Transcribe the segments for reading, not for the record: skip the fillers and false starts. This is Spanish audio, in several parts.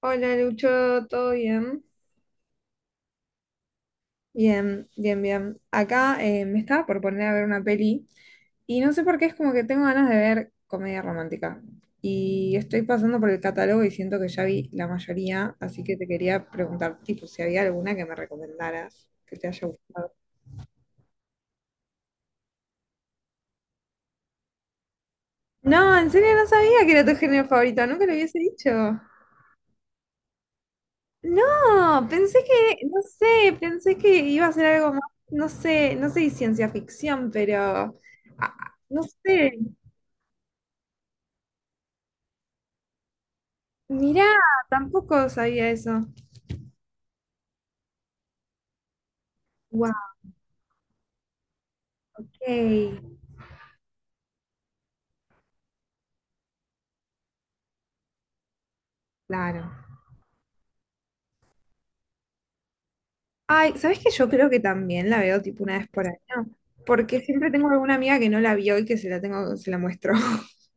Hola Lucho, ¿todo bien? Bien. Acá me estaba por poner a ver una peli y no sé por qué es como que tengo ganas de ver comedia romántica. Y estoy pasando por el catálogo y siento que ya vi la mayoría, así que te quería preguntar, tipo, si había alguna que me recomendaras que te haya gustado. No, en serio no sabía que era tu género favorito, nunca lo hubiese dicho. No, pensé que, no sé, pensé que iba a ser algo más, no sé, no sé si ciencia ficción, pero no sé. Mirá, tampoco sabía eso. Wow, claro. Ay, ¿sabes qué? Yo creo que también la veo tipo una vez por año, porque siempre tengo alguna amiga que no la vio y que se la tengo, se la muestro.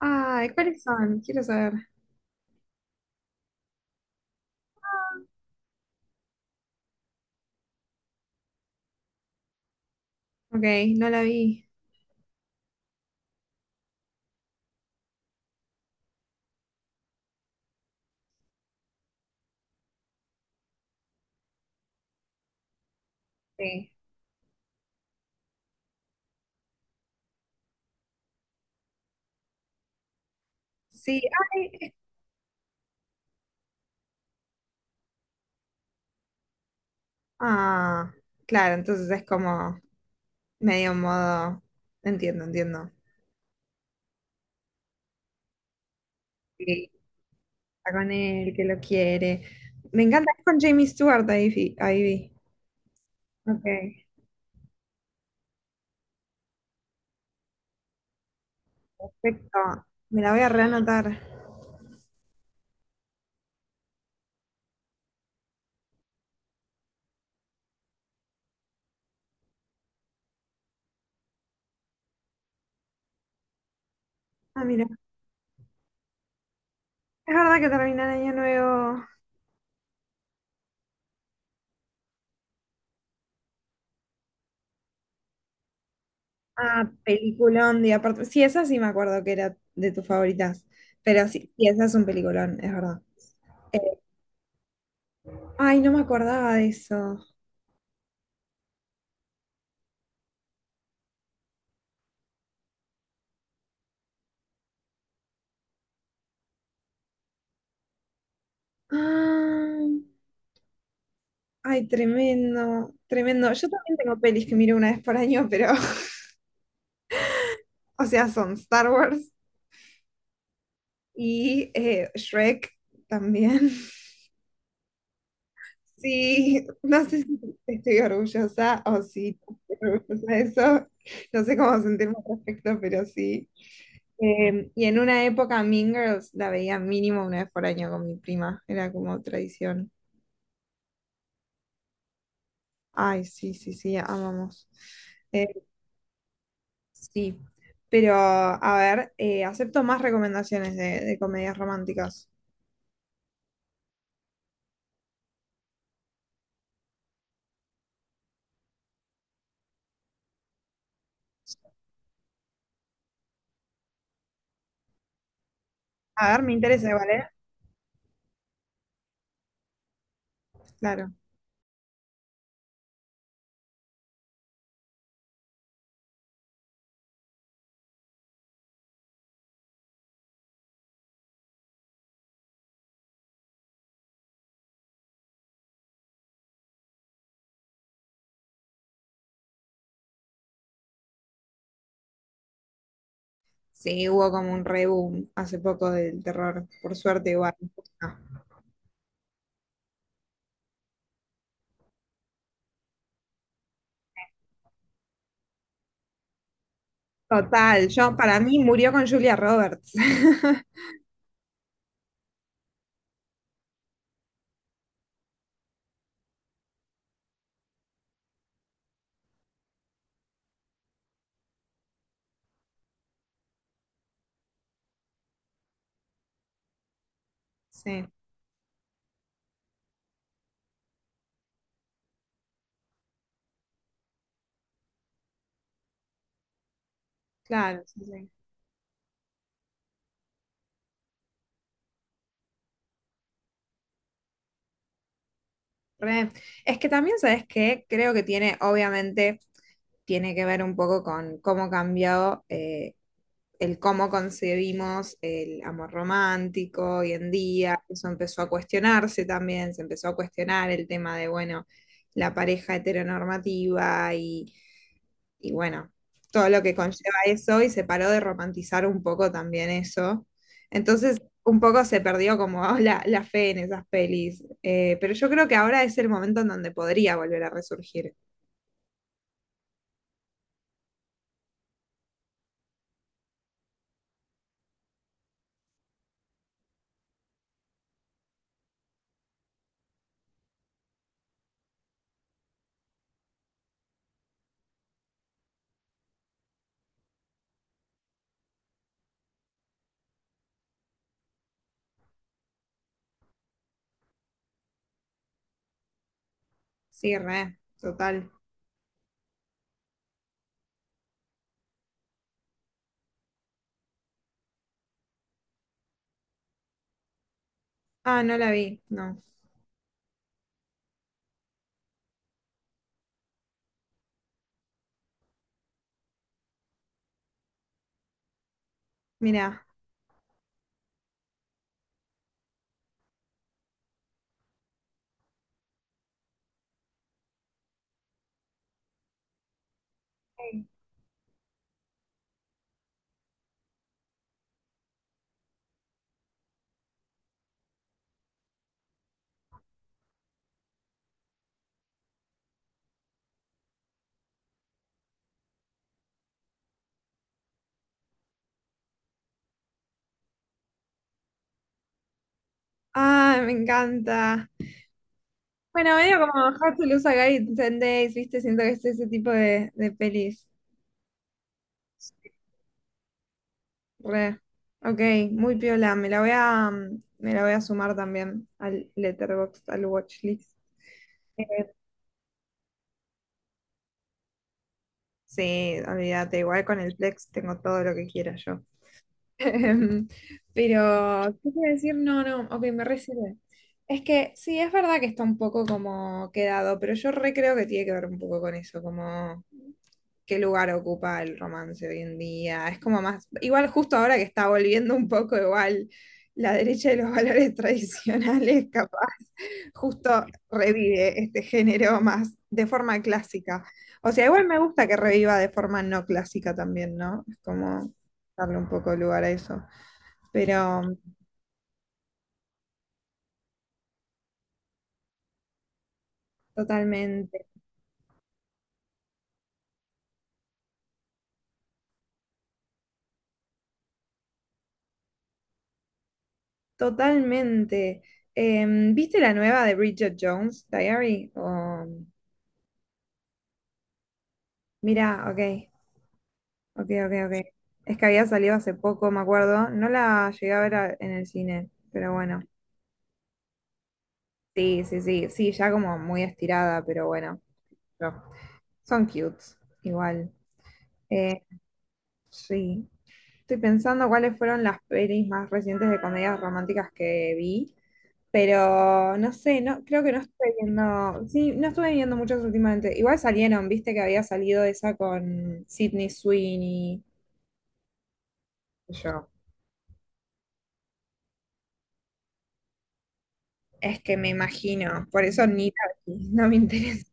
Ay, ¿cuáles son? Quiero saber. Ok, no la vi. Sí. Sí, ay, ah, claro, entonces es como. Medio modo. Entiendo, entiendo. Sí, está con él, que lo quiere. Me encanta, es con Jamie Stewart, ahí, ahí vi. Ok, perfecto. Me la voy a reanotar. Ah, mira, es verdad que termina el año nuevo. Ah, peliculón, y aparte, sí, esa sí me acuerdo que era de tus favoritas, pero sí, sí, esa es un peliculón, es verdad. Eh, ay, no me acordaba de eso. Ah, ay, tremendo, tremendo. Yo también tengo pelis que miro una vez por año, pero o sea, son Star Wars y Shrek también. Sí, no sé si estoy orgullosa o si no estoy orgullosa de eso. No sé cómo sentirme al respecto, pero sí. Y en una época Mean Girls la veía mínimo una vez por año con mi prima. Era como tradición. Ay, sí, sí, sí, amamos. Eh, sí, pero a ver, acepto más recomendaciones de comedias románticas. A ver, me interesa, ¿vale? Claro. Sí, hubo como un reboom hace poco del terror, por suerte igual. Ah, total, yo para mí murió con Julia Roberts. Sí, claro, sí, sí. Re. Es que también, ¿sabes qué? Creo que tiene, obviamente, tiene que ver un poco con cómo ha cambiado el cómo concebimos el amor romántico hoy en día. Eso empezó a cuestionarse también, se empezó a cuestionar el tema de, bueno, la pareja heteronormativa y bueno, todo lo que conlleva eso y se paró de romantizar un poco también eso. Entonces un poco se perdió como la fe en esas pelis. Pero yo creo que ahora es el momento en donde podría volver a resurgir. Sí, re, total. Ah, no la vi, no. Mira. Ah, me encanta. Bueno, medio como How to Lose a Guy in 10 Days, ¿viste? Siento que es ese tipo de pelis. Re. Ok, muy piola. Me la voy a, me la voy a sumar también al Letterboxd, al watchlist. Eh, sí, olvídate, igual con el Plex tengo todo lo que quiera yo. Em, Pero, ¿qué quiero decir? No, no, ok, me re sirve. Es que sí, es verdad que está un poco como quedado, pero yo re creo que tiene que ver un poco con eso, como qué lugar ocupa el romance hoy en día. Es como más, igual justo ahora que está volviendo un poco igual la derecha de los valores tradicionales, justo revive este género más de forma clásica. O sea, igual me gusta que reviva de forma no clásica también, ¿no? Es como darle un poco de lugar a eso. Pero totalmente, totalmente. ¿Viste la nueva de Bridget Jones Diary? O- Mira, ok, ok, ok, ok. Es que había salido hace poco, me acuerdo. No la llegué a ver en el cine, pero bueno. Sí, sí, sí, sí, ya como muy estirada, pero bueno. Son cutes, igual. Eh, sí. Estoy pensando cuáles fueron las pelis más recientes de comedias románticas que vi, pero no sé, no, creo que no estuve viendo, sí, no estuve viendo muchas últimamente. Igual salieron, viste que había salido esa con Sydney Sweeney. Y yo, es que me imagino, por eso ni la vi, no me interesa.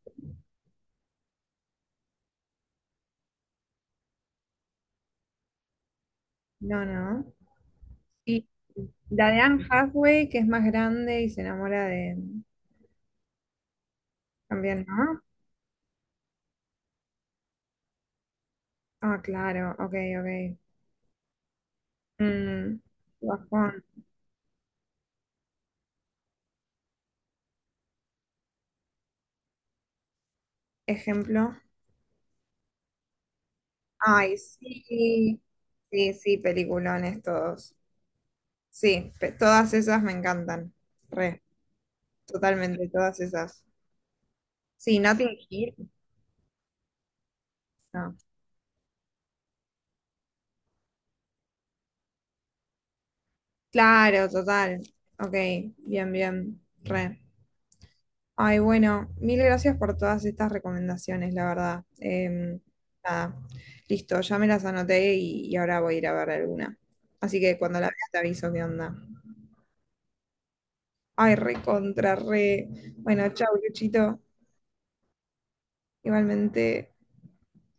No, no. Y la de Anne Hathaway, que es más grande y se enamora de... También, ¿no? Ah, claro, ok, ok. Mm, bajón. Ejemplo. Ay, sí. Sí, sí, peliculones todos. Sí, todas esas me encantan. Re, totalmente, todas esas. Sí, Notting Hill. No. Claro, total. Ok, bien, bien. Re. Ay, bueno, mil gracias por todas estas recomendaciones, la verdad. Nada, listo, ya me las anoté y ahora voy a ir a ver alguna. Así que cuando la vea te aviso qué onda. Ay, re contra, re. Bueno, chau, Luchito. Igualmente.